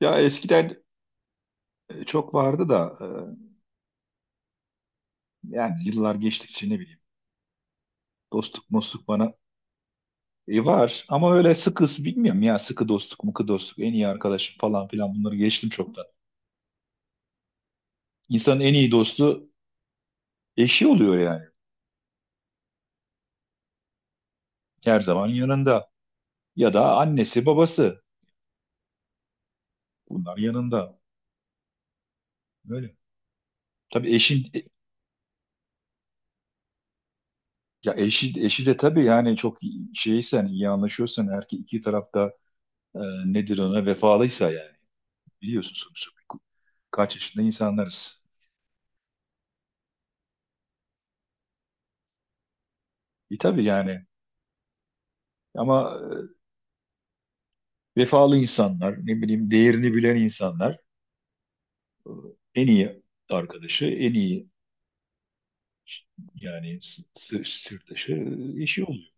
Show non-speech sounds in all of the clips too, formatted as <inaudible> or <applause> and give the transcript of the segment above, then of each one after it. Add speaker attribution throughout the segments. Speaker 1: Ya eskiden çok vardı da yani yıllar geçtikçe ne bileyim dostluk mostluk bana var ama öyle sıkı bilmiyorum ya sıkı dostluk mıkı dostluk en iyi arkadaşım falan filan bunları geçtim çoktan. İnsanın en iyi dostu eşi oluyor yani her zaman yanında ya da annesi babası bunlar yanında öyle. Tabii eşin ya eşi de tabii yani şeysen iyi anlaşıyorsan her iki tarafta e, nedir ona vefalıysa yani biliyorsun sonuçta kaç yaşında insanlarız. E tabii yani ama vefalı insanlar, ne bileyim değerini bilen insanlar en iyi arkadaşı, en iyi yani sırdaşı eşi oluyor.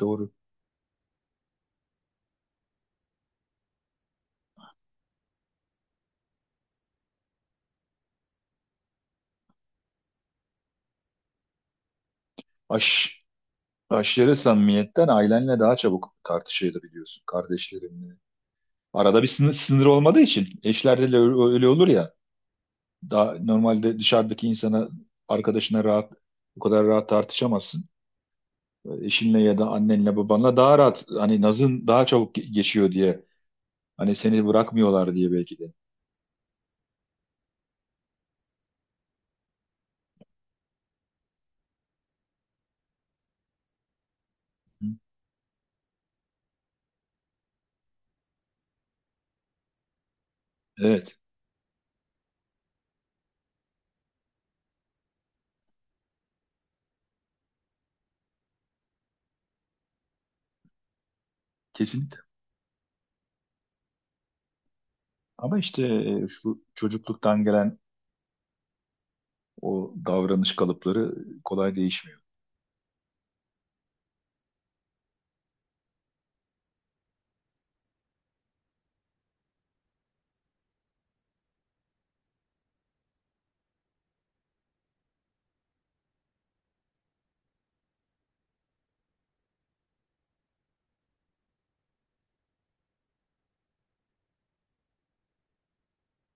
Speaker 1: Doğru. Aş, aşırı samimiyetten ailenle daha çabuk tartışabiliyorsun kardeşlerinle. Arada bir sınır olmadığı için eşlerde de öyle olur ya. Daha normalde dışarıdaki insana, arkadaşına bu kadar rahat tartışamazsın. Eşinle ya da annenle babanla daha rahat hani nazın daha çabuk geçiyor diye. Hani seni bırakmıyorlar diye belki de. Hı. Evet, kesinlikle. Ama işte şu çocukluktan gelen o davranış kalıpları kolay değişmiyor.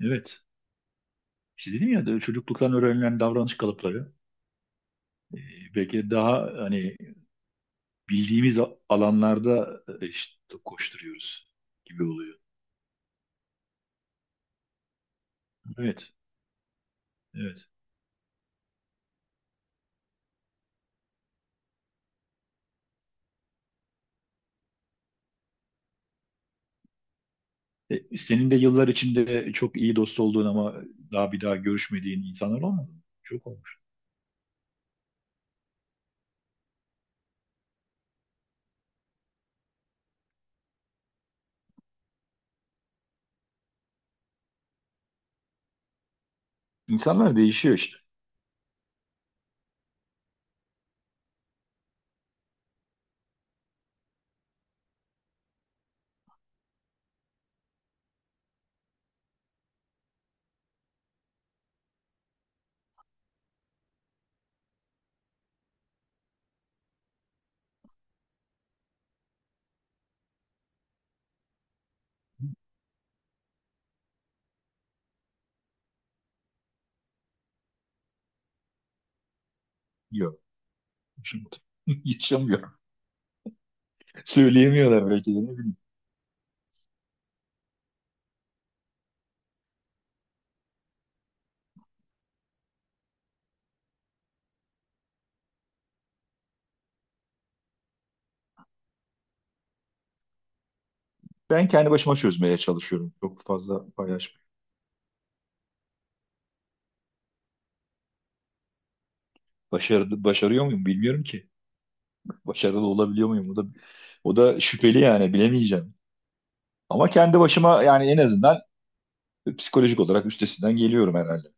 Speaker 1: Evet. İşte dedim ya de çocukluktan öğrenilen davranış kalıpları e, belki de daha hani bildiğimiz alanlarda işte koşturuyoruz gibi oluyor. Evet. Evet. E, senin de yıllar içinde çok iyi dost olduğun ama daha bir daha görüşmediğin insanlar olmadı mı? Çok olmuş. İnsanlar değişiyor işte. Yok. Yaşamıyor. <laughs> Yaşamıyor. Söyleyemiyorlar belki de ne bileyim. Ben kendi başıma çözmeye çalışıyorum. Çok fazla paylaşmıyorum. Başarıyor muyum bilmiyorum ki. Başarılı olabiliyor muyum? O da şüpheli yani bilemeyeceğim. Ama kendi başıma yani en azından psikolojik olarak üstesinden geliyorum herhalde.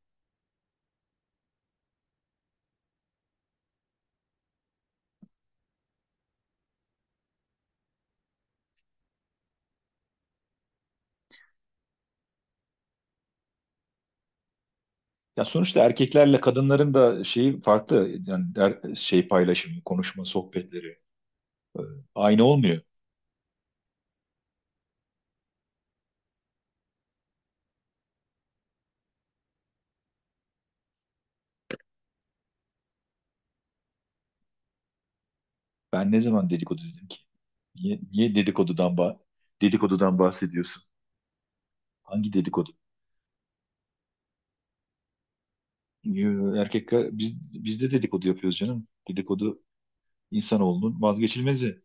Speaker 1: Ya sonuçta erkeklerle kadınların da şeyi farklı. Yani şey paylaşımı, konuşma, sohbetleri aynı olmuyor. Ben ne zaman dedikodu dedim ki? Niye dedikodudan, dedikodudan bahsediyorsun? Hangi dedikodu? Yo, erkekler biz de dedikodu yapıyoruz canım. Dedikodu insanoğlunun vazgeçilmezi.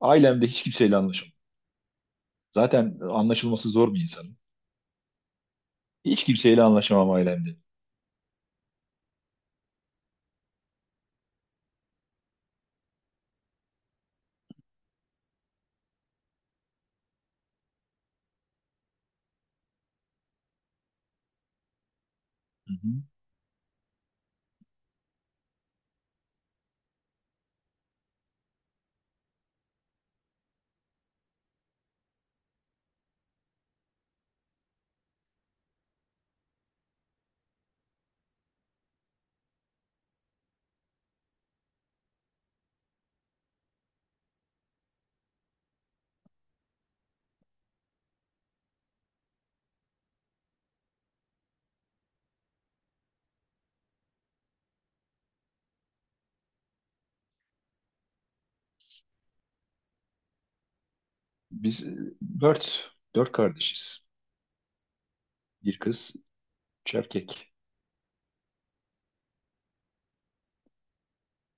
Speaker 1: Ailemde hiç kimseyle anlaşamam. Zaten anlaşılması zor bir insanım. Hiç kimseyle anlaşamam ailemde. Hı hı. Biz dört kardeşiz. Bir kız, üç erkek.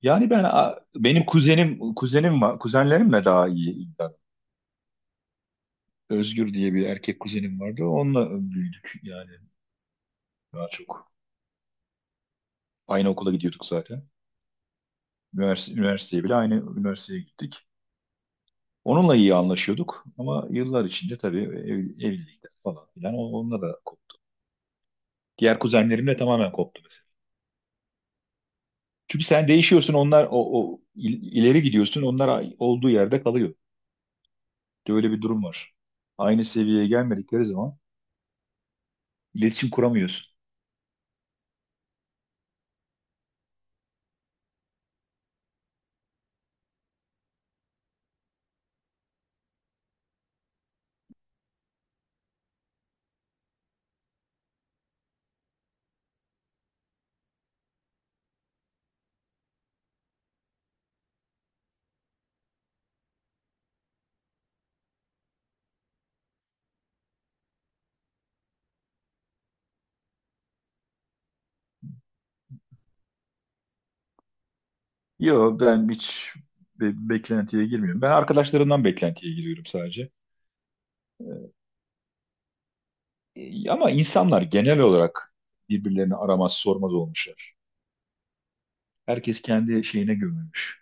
Speaker 1: Yani benim kuzenim var. Kuzenlerimle daha iyi iddia. Özgür diye bir erkek kuzenim vardı. Onunla büyüdük yani daha çok. Aynı okula gidiyorduk zaten. Üniversiteye bile aynı üniversiteye gittik. Onunla iyi anlaşıyorduk ama yıllar içinde tabii evlilikler falan filan onunla da koptu. Diğer kuzenlerimle tamamen koptu mesela. Çünkü sen değişiyorsun onlar ileri gidiyorsun onlar olduğu yerde kalıyor. Böyle bir durum var. Aynı seviyeye gelmedikleri zaman iletişim kuramıyorsun. Yo ben hiç beklentiye girmiyorum. Ben arkadaşlarımdan beklentiye giriyorum sadece. Ama insanlar genel olarak birbirlerini aramaz sormaz olmuşlar. Herkes kendi şeyine gömülmüş.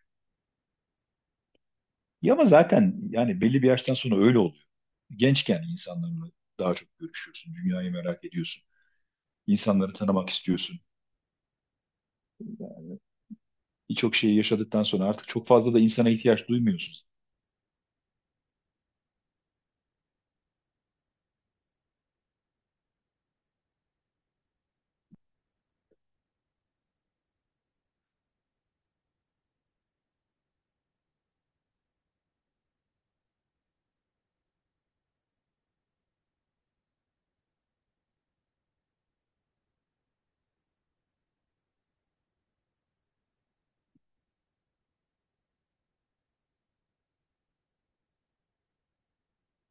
Speaker 1: Ya ama zaten yani belli bir yaştan sonra öyle oluyor. Gençken insanlarla daha çok görüşüyorsun, dünyayı merak ediyorsun, insanları tanımak istiyorsun. Birçok şeyi yaşadıktan sonra artık çok fazla da insana ihtiyaç duymuyorsun.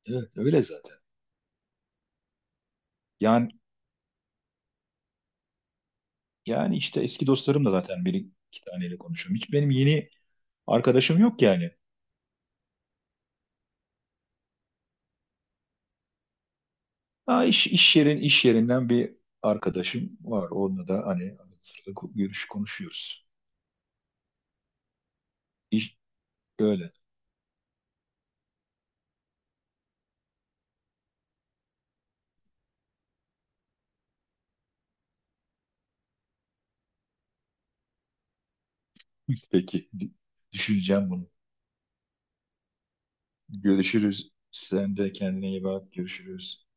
Speaker 1: Evet, öyle zaten. Yani yani işte eski dostlarım da zaten bir iki taneyle konuşuyorum. Hiç benim yeni arkadaşım yok yani. Ha, iş yerinden bir arkadaşım var. Onunla da hani arada sırada görüş konuşuyoruz. İş öyle. <laughs> Peki, düşüneceğim bunu. Görüşürüz. Sen de kendine iyi bak. Görüşürüz.